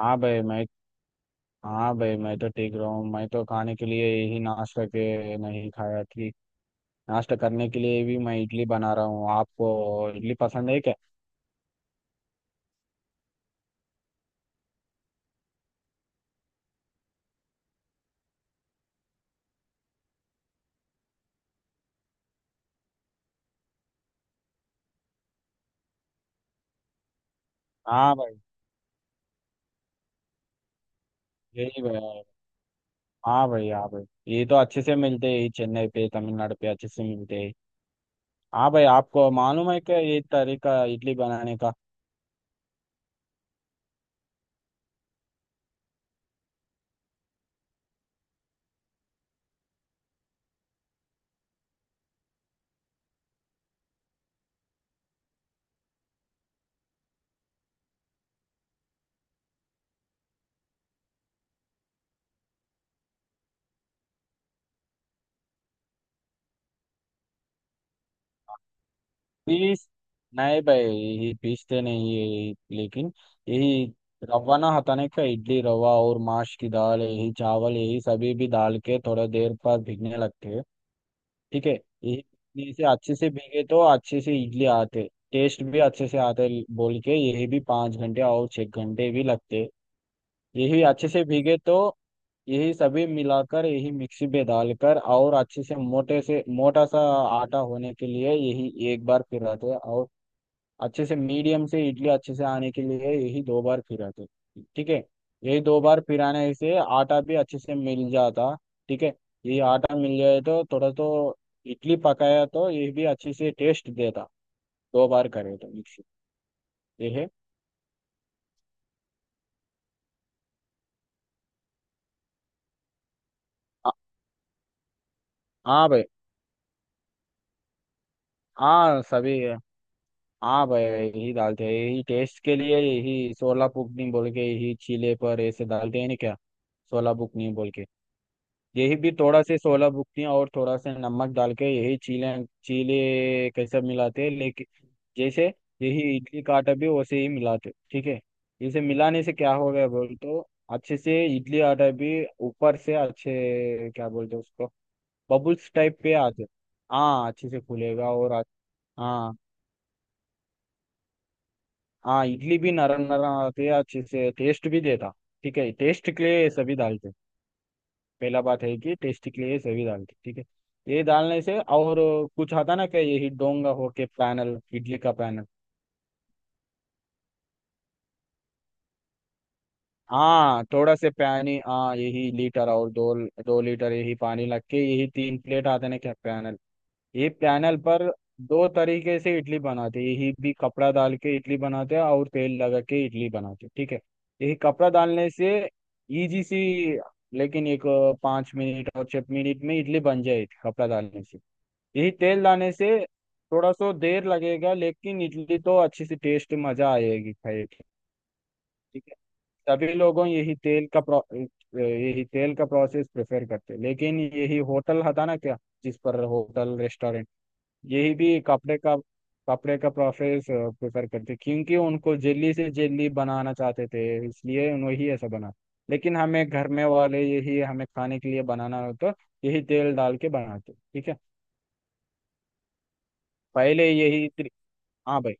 हाँ भाई मैं हाँ भाई मैं तो ठीक रहा हूँ। मैं तो खाने के लिए यही नाश्ता के नहीं खाया कि नाश्ता करने के लिए भी मैं इडली बना रहा हूँ। आपको इडली पसंद है क्या? हाँ भाई। यही भाई। हाँ भाई हाँ भाई। ये तो अच्छे से मिलते हैं, ये चेन्नई पे तमिलनाडु पे अच्छे से मिलते हैं। हाँ भाई आपको मालूम है क्या ये तरीका इडली बनाने का? पीस। नहीं भाई यही पीसते नहीं है यही, लेकिन यही रवा ना हटाने का, इडली रवा और माश की दाल यही चावल यही सभी भी डाल के थोड़ा देर पर भीगने लगते हैं। ठीक है यही। भीगने से अच्छे से भीगे तो अच्छे से इडली आते, टेस्ट भी अच्छे से आते, बोल के यही भी 5 घंटे और 6 घंटे भी लगते। यही अच्छे से भीगे तो यही सभी मिलाकर यही मिक्सी में डालकर और अच्छे से मोटे से मोटा सा आटा होने के लिए यही एक बार फिराते और अच्छे से मीडियम से इडली अच्छे से आने के लिए यही 2 बार फिराते। ठीक है। यही 2 बार फिराने से आटा भी अच्छे से मिल जाता। ठीक है। ये आटा मिल जाए तो थोड़ा तो इडली पकाया तो ये भी अच्छे से टेस्ट देता 2 बार करे तो मिक्सी। ये है। आ- हाँ भाई। हाँ सभी। हाँ भाई यही डालते हैं यही टेस्ट के लिए, यही सोला बुकनी बोल के, यही चीले पर ऐसे डालते हैं ना क्या? सोला बुकनी बोल के। यही भी थोड़ा से सोलह बुकतियाँ और थोड़ा से नमक डाल के यही चीले चीले कैसे मिलाते हैं लेकिन। जैसे यही इडली का आटा भी वैसे ही मिलाते। ठीक है। इसे मिलाने से क्या हो गया बोल तो अच्छे से इडली आटा भी ऊपर से अच्छे क्या बोलते उसको बबल्स टाइप पे आते। हाँ अच्छे से फूलेगा और हाँ हाँ इडली भी नरम नरम आती है अच्छे से टेस्ट भी देता। ठीक है टेस्ट के लिए ये सभी डालते। पहला बात है कि टेस्टी के लिए सभी दाल की, ठीक है। ये डालने से और कुछ आता ना क्या यही डोंगा होके पैनल, इडली का पैनल। हाँ थोड़ा से पानी, हाँ यही लीटर और दो दो लीटर यही पानी लग के यही 3 प्लेट आते ना क्या पैनल। ये पैनल पर दो तरीके से इडली बनाते हैं। यही भी कपड़ा डाल के इडली बनाते हैं और तेल लगा के इडली बनाते हैं, ठीक है। यही कपड़ा डालने से इजी सी, लेकिन एक 5 मिनट और 6 मिनट में इडली बन जाएगी कपड़ा डालने से। यही तेल लाने से थोड़ा सो देर लगेगा लेकिन इडली तो अच्छी सी टेस्ट मजा आएगी खाए के। ठीक है। सभी लोगों यही तेल का प्रोसेस प्रेफर करते हैं लेकिन यही होटल था ना क्या? जिस पर होटल रेस्टोरेंट यही भी कपड़े का प्रोसेस प्रेफर करते क्योंकि उनको जेली से जेली बनाना चाहते थे इसलिए वही ऐसा बना। लेकिन हमें घर में वाले यही हमें खाने के लिए बनाना हो तो यही तेल डाल के बनाते। ठीक है। पहले यही हाँ भाई।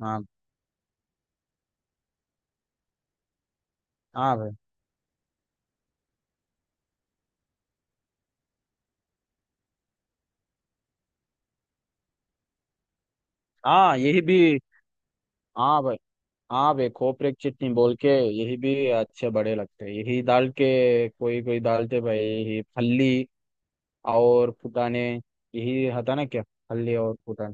हाँ। हाँ भाई। हाँ यही भी। हाँ भाई हाँ भाई खोपरे की चटनी बोल के। यही भी अच्छे बड़े लगते हैं यही डाल के कोई कोई डालते भाई यही फल्ली और फुटाने, यही होता ना क्या फल्ली और फुटाने।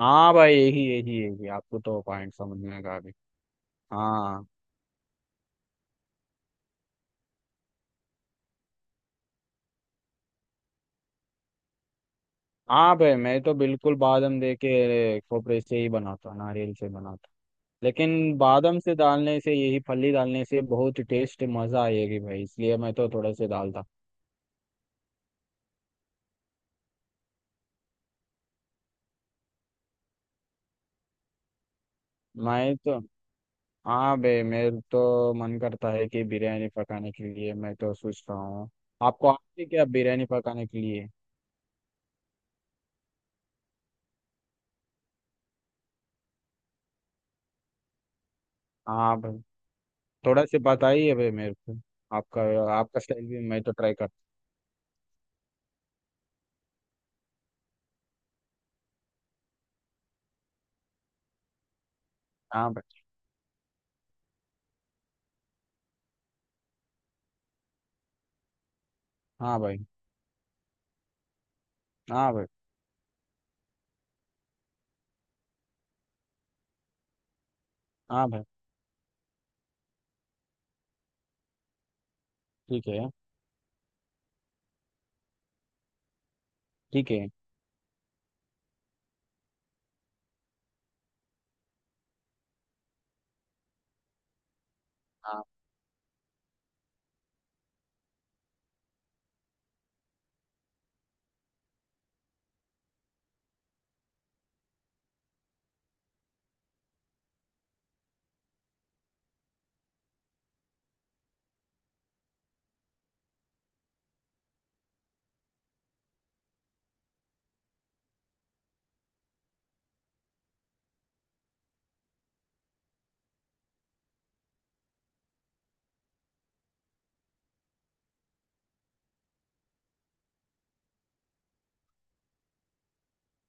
हाँ भाई यही यही यही आपको तो पॉइंट समझ में आ गए। हाँ। हाँ भाई मैं तो बिल्कुल बादाम दे के खोपरे से ही बनाता नारियल से बनाता। लेकिन बादाम से डालने से यही फली डालने से बहुत टेस्ट मजा आएगी भाई इसलिए मैं तो थोड़ा से डालता। मैं तो। हाँ बे मेरे तो मन करता है कि बिरयानी पकाने के लिए मैं तो सोचता हूँ। आपको आती है क्या बिरयानी पकाने के लिए? हाँ भाई। थोड़ा से बताइए भाई मेरे को। आपका आपका स्टाइल भी मैं तो ट्राई करता। हाँ भाई हाँ भाई हाँ भाई हाँ भाई। ठीक है ठीक है। हाँ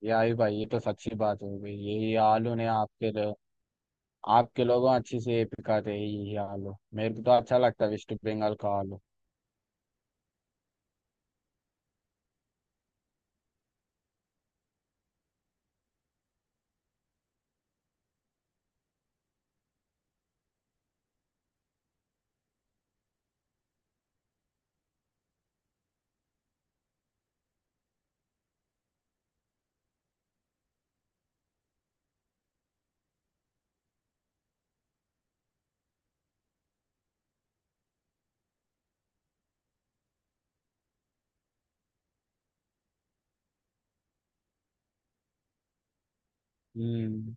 यार भाई ये तो सच्ची बात हो गई यही आलू ने आपके आपके लोगों अच्छे से पिकाते हैं यही आलू मेरे को तो अच्छा लगता है वेस्ट बंगाल का आलू। हम्म।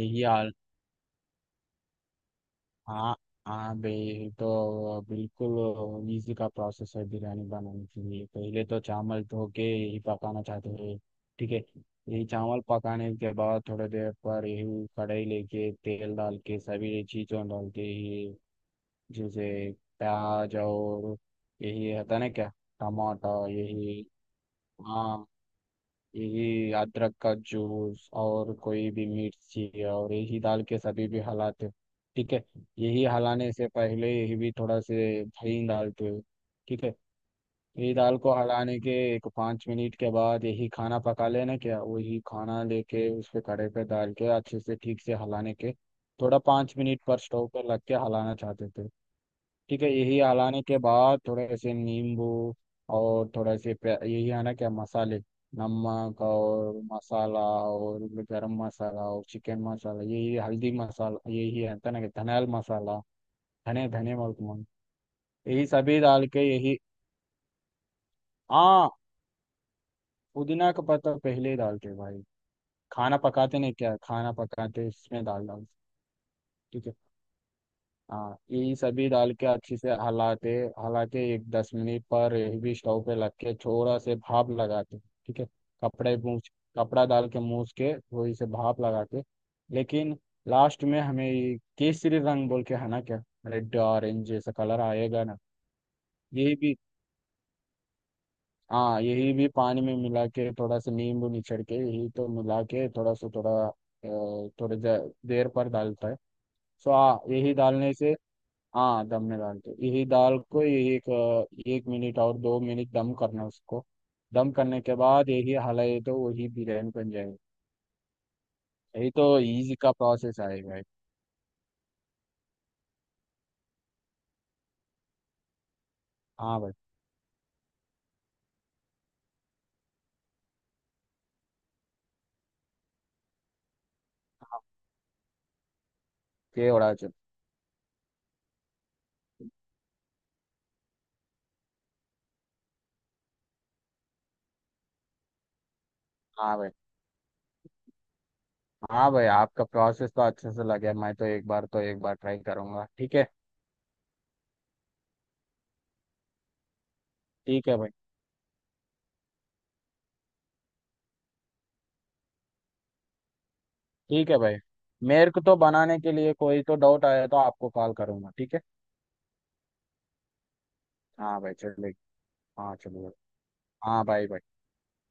यही आलू। हाँ। हाँ भाई तो बिल्कुल इजी का प्रोसेस है बिरयानी बनाने के लिए पहले तो चावल धो के ही पकाना चाहते हैं। ठीक है। यही चावल पकाने के बाद थोड़ी देर पर यही कढ़ाई लेके तेल डाल के सभी चीज़ों डाल के ही, जैसे प्याज और यही होता ना क्या टमाटर यही। हाँ। यही अदरक का जूस और कोई भी मिर्ची और यही डाल के सभी भी हलाते हो। ठीक है। यही हलाने से पहले यही भी थोड़ा से दही डालते हो। ठीक है। यही दाल को हलाने के एक 5 मिनट के बाद यही खाना पका लेना क्या वही खाना लेके उस पे कड़े पे डाल के अच्छे से ठीक से हलाने के थोड़ा 5 मिनट पर स्टोव पर लग के हलाना चाहते थे। ठीक है। यही हलाने के बाद थोड़े से नींबू और थोड़े से यही आना क्या मसाले, नमक और मसाला और गरम मसाला और चिकन मसाला यही हल्दी मसाला यही है तना के धनियाल मसाला धने धने मुर्क यही सभी डाल के यही। हाँ। पुदीना का पत्ता पहले ही डालते भाई खाना पकाते नहीं क्या खाना पकाते इसमें डाल डाल। ठीक है। हाँ ये सभी डाल के अच्छे से हलाते हलाके एक 10 मिनट पर हेवी स्टोव पे लग के थोड़ा से भाप लगाते। ठीक है। कपड़े मूछ कपड़ा डाल के मूछ के थोड़ी से भाप लगाते, लेकिन लास्ट में हमें ये केसरी रंग बोल के है ना क्या रेड ऑरेंज जैसा कलर आएगा ना? यही भी। हाँ यही भी पानी में मिला के थोड़ा सा नींबू निचड़ के यही तो मिला के थोड़ा सा थोड़ा थोड़ी देर देर पर डालता है। सो हाँ यही डालने से। हाँ दम में डालते हो। यही दाल को यही एक एक मिनट और 2 मिनट दम करना उसको। दम करने के बाद यही हलाई तो वही बिरयानी बन जाएगी। यही तो इजी का प्रोसेस आएगा भाई। हाँ भाई। हाँ, के उड़ा चुन। हाँ भाई। हाँ भाई आपका प्रोसेस तो अच्छे से लगे मैं तो एक बार ट्राई करूंगा। ठीक है। ठीक है भाई। ठीक है भाई। मेरे को तो बनाने के लिए कोई तो डाउट आया तो आपको कॉल करूंगा। ठीक है। हाँ भाई चलिए। हाँ चलिए। हाँ भाई भाई।